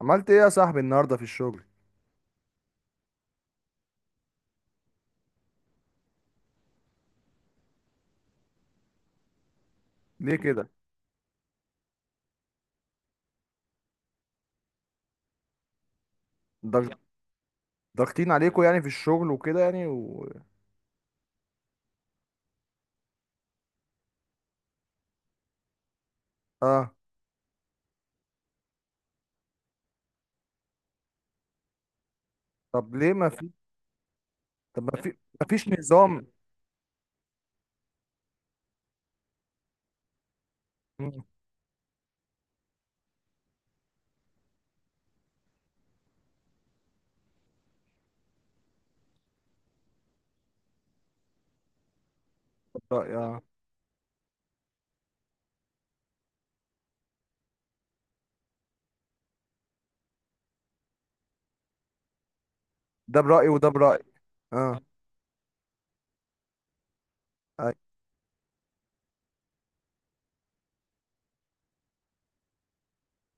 عملت ايه يا صاحبي النهارده في الشغل؟ ليه كده؟ ضغ- ضاغطين عليكم، يعني في الشغل وكده، يعني اه، طب ليه ما في؟ طب ما في، ما فيش نظام؟ مم، طب ده برأيي وده برأيي. اه، أي.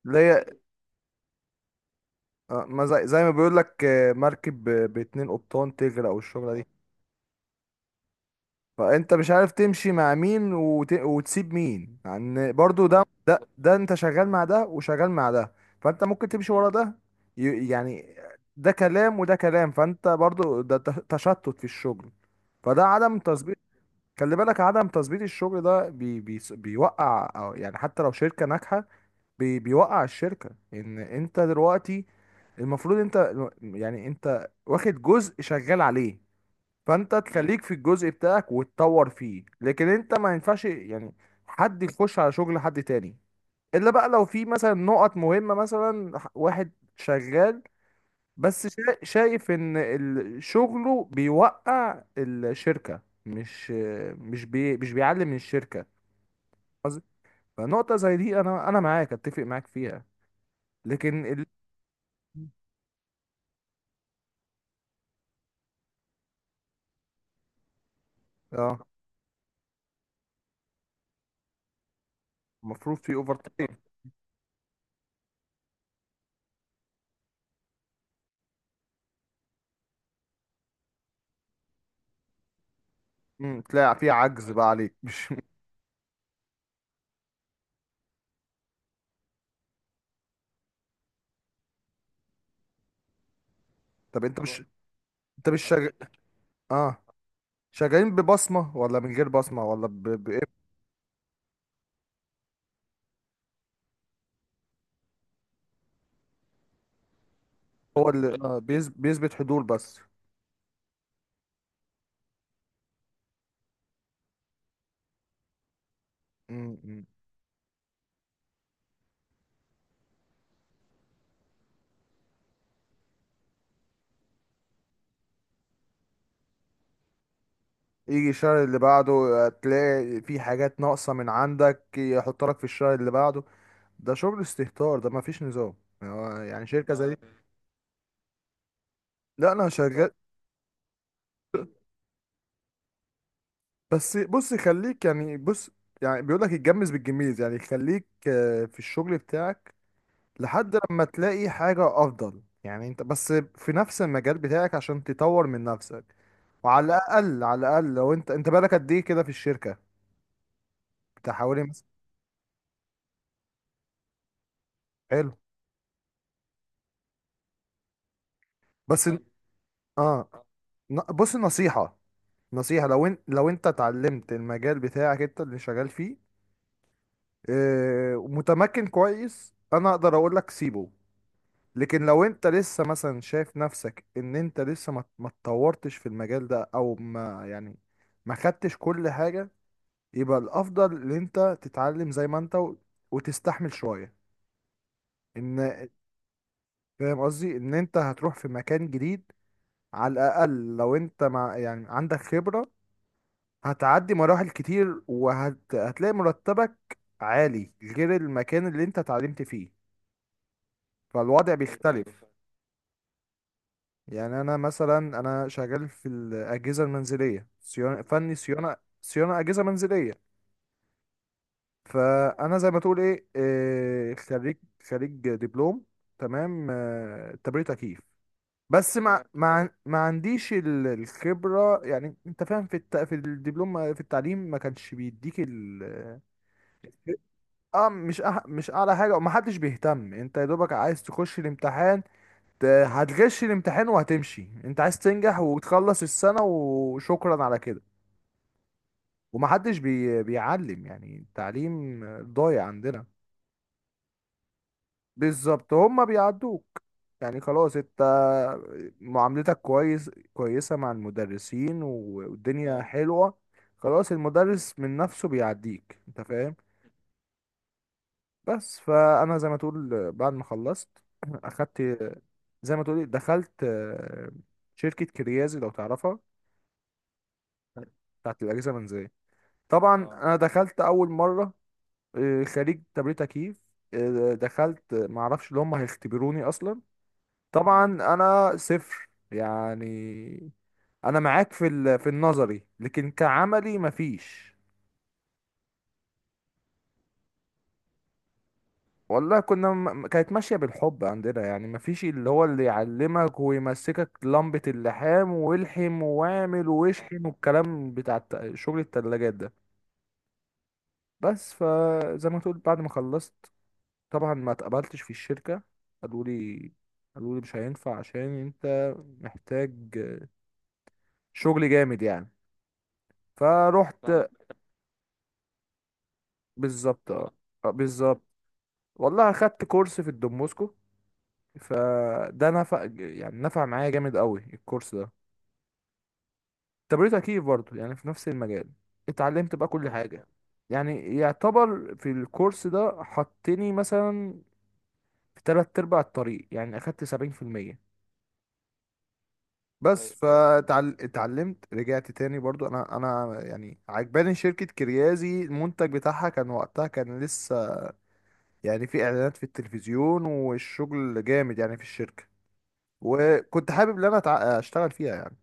ليه؟ ما زي ما بيقول لك، مركب باتنين قبطان تغرق، والشغله دي. فانت مش عارف تمشي مع مين، وتسيب مين، يعني برضو ده انت شغال مع ده وشغال مع ده، فانت ممكن تمشي ورا ده. يعني ده كلام وده كلام، فانت برضو ده تشتت في الشغل. فده عدم تظبيط. خلي بالك، عدم تظبيط الشغل ده بيوقع، أو يعني حتى لو شركة ناجحة، بيوقع الشركة. ان انت دلوقتي المفروض انت، يعني انت واخد جزء شغال عليه، فانت تخليك في الجزء بتاعك وتطور فيه. لكن انت ما ينفعش يعني حد يخش على شغل حد تاني، الا بقى لو في مثلا نقط مهمة، مثلا واحد شغال بس شايف ان شغله بيوقع الشركة، مش بيعلي من الشركة. قصدي- فنقطة زي دي انا معاك، اتفق معاك فيها. لكن اه، المفروض في اوفر تايم. تلاقي في عجز بقى عليك، مش؟ طب انت مش شغال؟ اه، شغالين ببصمة ولا من غير بصمة، ولا إيه؟ هو اللي بيثبت حضور بس. م. يجي الشهر اللي بعده تلاقي في حاجات ناقصة من عندك، يحط لك في الشهر اللي بعده. ده شغل استهتار، ده مفيش نظام. يعني هو يعني شركة زي دي؟ لا، أنا شغال. بس بص، خليك، يعني بص، يعني بيقول لك اتجمز بالجميز، يعني خليك في الشغل بتاعك لحد لما تلاقي حاجة أفضل. يعني أنت بس في نفس المجال بتاعك، عشان تطور من نفسك. وعلى الأقل، على الأقل لو أنت بالك قد إيه كده في الشركة، بتاع حوالي مثلا. حلو. بس إن- آه ن- بص، نصيحة، نصيحة. لو أنت اتعلمت المجال بتاعك أنت اللي شغال فيه، ومتمكن كويس، أنا أقدر أقول لك سيبه. لكن لو انت لسه مثلا شايف نفسك ان انت لسه ما اتطورتش في المجال ده، او ما يعني ما خدتش كل حاجة، يبقى الافضل ان انت تتعلم زي ما انت وتستحمل شويه. ان، فاهم قصدي؟ ان انت هتروح في مكان جديد، على الاقل لو انت مع، يعني عندك خبره، هتعدي مراحل كتير، وهتلاقي مرتبك عالي غير المكان اللي انت اتعلمت فيه. فالوضع بيختلف. يعني انا مثلا، انا شغال في الاجهزه المنزليه، صيانه، فني صيانه، صيانه اجهزه منزليه. فانا زي ما تقول ايه إيه، خريج، خريج دبلوم تمام، تبريد تكييف. بس ما تمام، ما عنديش الخبره. يعني انت فاهم، في الدبلوم، في التعليم ما كانش بيديك اه، مش اعلى حاجه، وما حدش بيهتم. انت يا دوبك عايز تخش الامتحان، هتغش الامتحان وهتمشي. انت عايز تنجح وتخلص السنه، وشكرا على كده. ومحدش بيعلم، يعني التعليم ضايع عندنا. بالظبط، هما بيعدوك. يعني خلاص، انت معاملتك كويسة مع المدرسين، والدنيا حلوة. خلاص، المدرس من نفسه بيعديك. انت فاهم؟ بس فانا زي ما تقول بعد ما خلصت اخدت، زي ما تقول دخلت، شركة كريازي لو تعرفها، بتاعت الأجهزة المنزلية. طبعا، اه، انا دخلت اول مرة، خريج تبريد تكييف. دخلت معرفش اللي هم هيختبروني اصلا. طبعا انا صفر، يعني انا معاك في في النظري، لكن كعملي مفيش. والله كنا كانت ماشيه بالحب عندنا. يعني مفيش اللي هو اللي يعلمك ويمسكك لمبه اللحام، والحم واعمل واشحن، والكلام بتاع شغل التلاجات ده. بس فزي ما تقول بعد ما خلصت، طبعا ما اتقبلتش في الشركه. قالوا لي قالوا لي مش هينفع، عشان انت محتاج شغل جامد يعني. فروحت. بالظبط، اه، بالظبط. والله اخدت كورس في الدوموسكو، فده نفع، يعني نفع معايا جامد قوي الكورس ده. تمريض تكييف برضه، يعني في نفس المجال. اتعلمت بقى كل حاجة. يعني يعتبر في الكورس ده حطني مثلا في تلات ارباع الطريق، يعني اخدت 70%. ايوه. بس فاتعلمت، رجعت تاني برضو. انا يعني عجباني شركة كريازي، المنتج بتاعها كان وقتها كان لسه، يعني في اعلانات في التلفزيون، والشغل جامد يعني في الشركة. وكنت حابب ان انا اشتغل فيها يعني.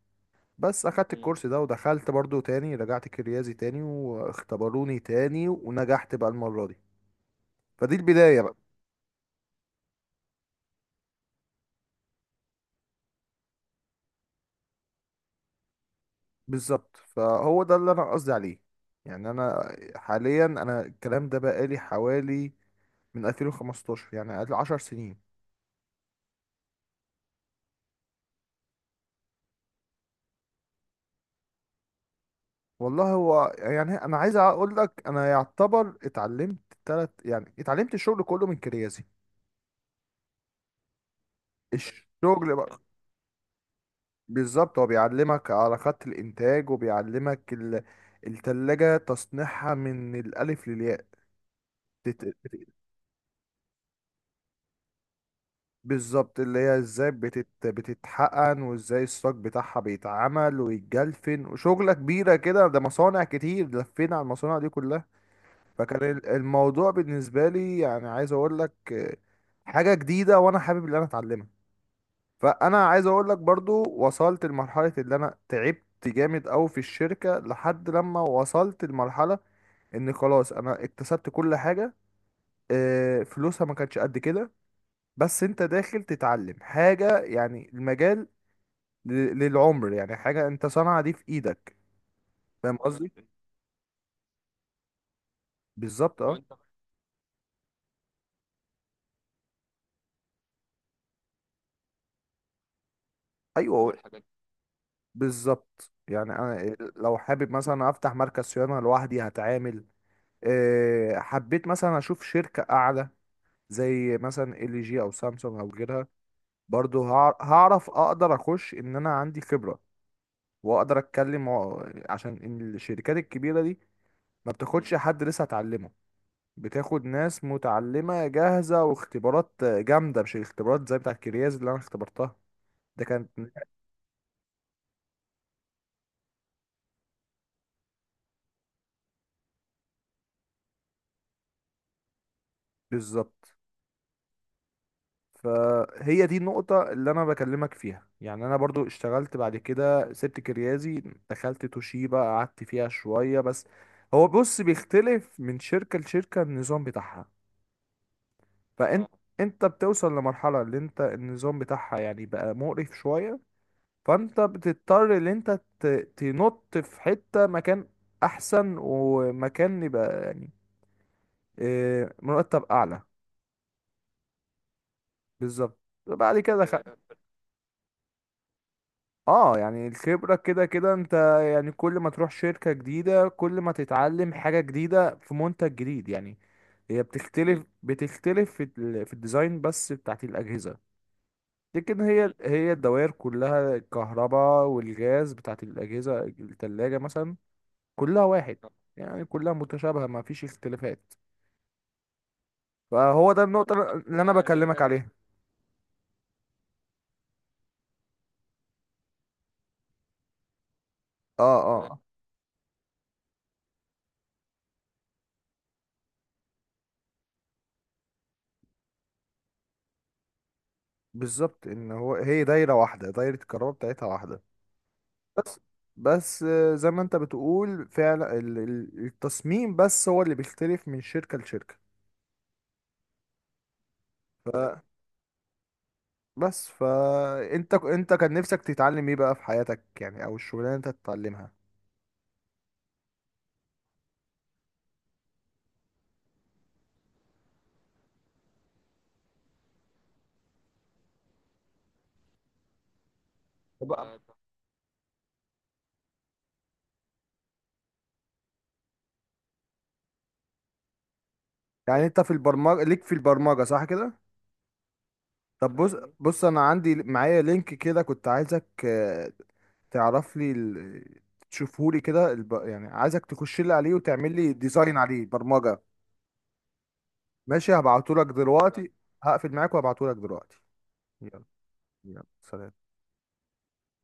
بس اخدت الكورس ده، ودخلت برضو تاني، رجعت كريازي تاني، واختبروني تاني، ونجحت بقى المرة دي. فدي البداية بقى. بالظبط، فهو ده اللي انا قصدي عليه. يعني انا حاليا، الكلام ده بقالي حوالي من 2015، يعني قبل 10 سنين. والله هو يعني انا عايز اقول لك، انا يعتبر اتعلمت تلت، يعني اتعلمت الشغل كله من كريازي. الشغل بقى، بالظبط، هو بيعلمك على خط الإنتاج، وبيعلمك التلاجة، تصنيعها من الألف للياء. تت... بت- بالظبط، اللي هي ازاي بتتحقن، وازاي الصاج بتاعها بيتعمل ويتجلفن، وشغلة كبيرة كده، ده مصانع كتير، لفينا على المصانع دي كلها. فكان الموضوع بالنسبة لي، يعني عايز أقول لك، حاجة جديدة، وأنا حابب إن أنا أتعلمها. فانا عايز اقول لك برضو، وصلت لمرحله اللي انا تعبت جامد قوي في الشركه، لحد لما وصلت لمرحله ان خلاص انا اكتسبت كل حاجه. فلوسها ما كانتش قد كده، بس انت داخل تتعلم حاجه يعني، المجال ل- للعمر، يعني حاجه، انت صنعة دي في ايدك. فاهم قصدي؟ بالظبط، اه، ايوه، بالظبط. يعني انا لو حابب مثلا افتح مركز صيانه لوحدي، هتعامل. حبيت مثلا اشوف شركه اعلى، زي مثلا ال جي او سامسونج او غيرها، برضو هعرف، اقدر اخش ان انا عندي خبرة، واقدر اتكلم عشان إن الشركات الكبيرة دي ما بتاخدش حد لسه اتعلمه. بتاخد ناس متعلمة جاهزة، واختبارات جامدة، مش الاختبارات زي بتاعت كرياز اللي انا اختبرتها. ده كانت، بالظبط، فهي دي النقطة اللي أنا بكلمك فيها. يعني أنا برضو اشتغلت بعد كده، سبت كريازي، دخلت توشيبا، قعدت فيها شوية بس. هو بص، بيختلف من شركة لشركة النظام بتاعها. فأنت، اه، بتوصل لمرحلة اللي أنت النظام بتاعها يعني بقى مقرف شوية، فأنت بتضطر، اللي أنت تنط في حتة مكان أحسن، ومكان يبقى يعني مرتب أعلى. بالظبط، بعد كده، اه، يعني الخبرة كده كده انت، يعني كل ما تروح شركة جديدة، كل ما تتعلم حاجة جديدة في منتج جديد يعني. هي بتختلف في في الديزاين بس بتاعت الأجهزة. لكن هي، هي الدوائر كلها، الكهرباء والغاز بتاعت الأجهزة، التلاجة مثلا، كلها واحد، يعني كلها متشابهة، ما فيش اختلافات. فهو ده النقطة اللي أنا يعني بكلمك، فاهم عليها. فاهم. اه، بالظبط، ان هو هي دايرة واحدة، دايرة الكهرباء بتاعتها واحدة. بس، بس زي ما انت بتقول فعلا، التصميم بس هو اللي بيختلف من شركة لشركة. فبس فانت، انت كان نفسك تتعلم ايه بقى في حياتك، يعني او الشغلانة انت تتعلمها؟ طب يعني انت في البرمجة، ليك في البرمجة، صح كده؟ طب بص، أيوه بص، انا عندي معايا لينك كده، كنت عايزك تعرف لي تشوفه لي كده يعني عايزك تخش لي عليه، وتعمل لي ديزاين عليه، برمجة. ماشي، هبعته لك دلوقتي. هقفل معاك وهبعته لك دلوقتي. يلا، يلا سلام.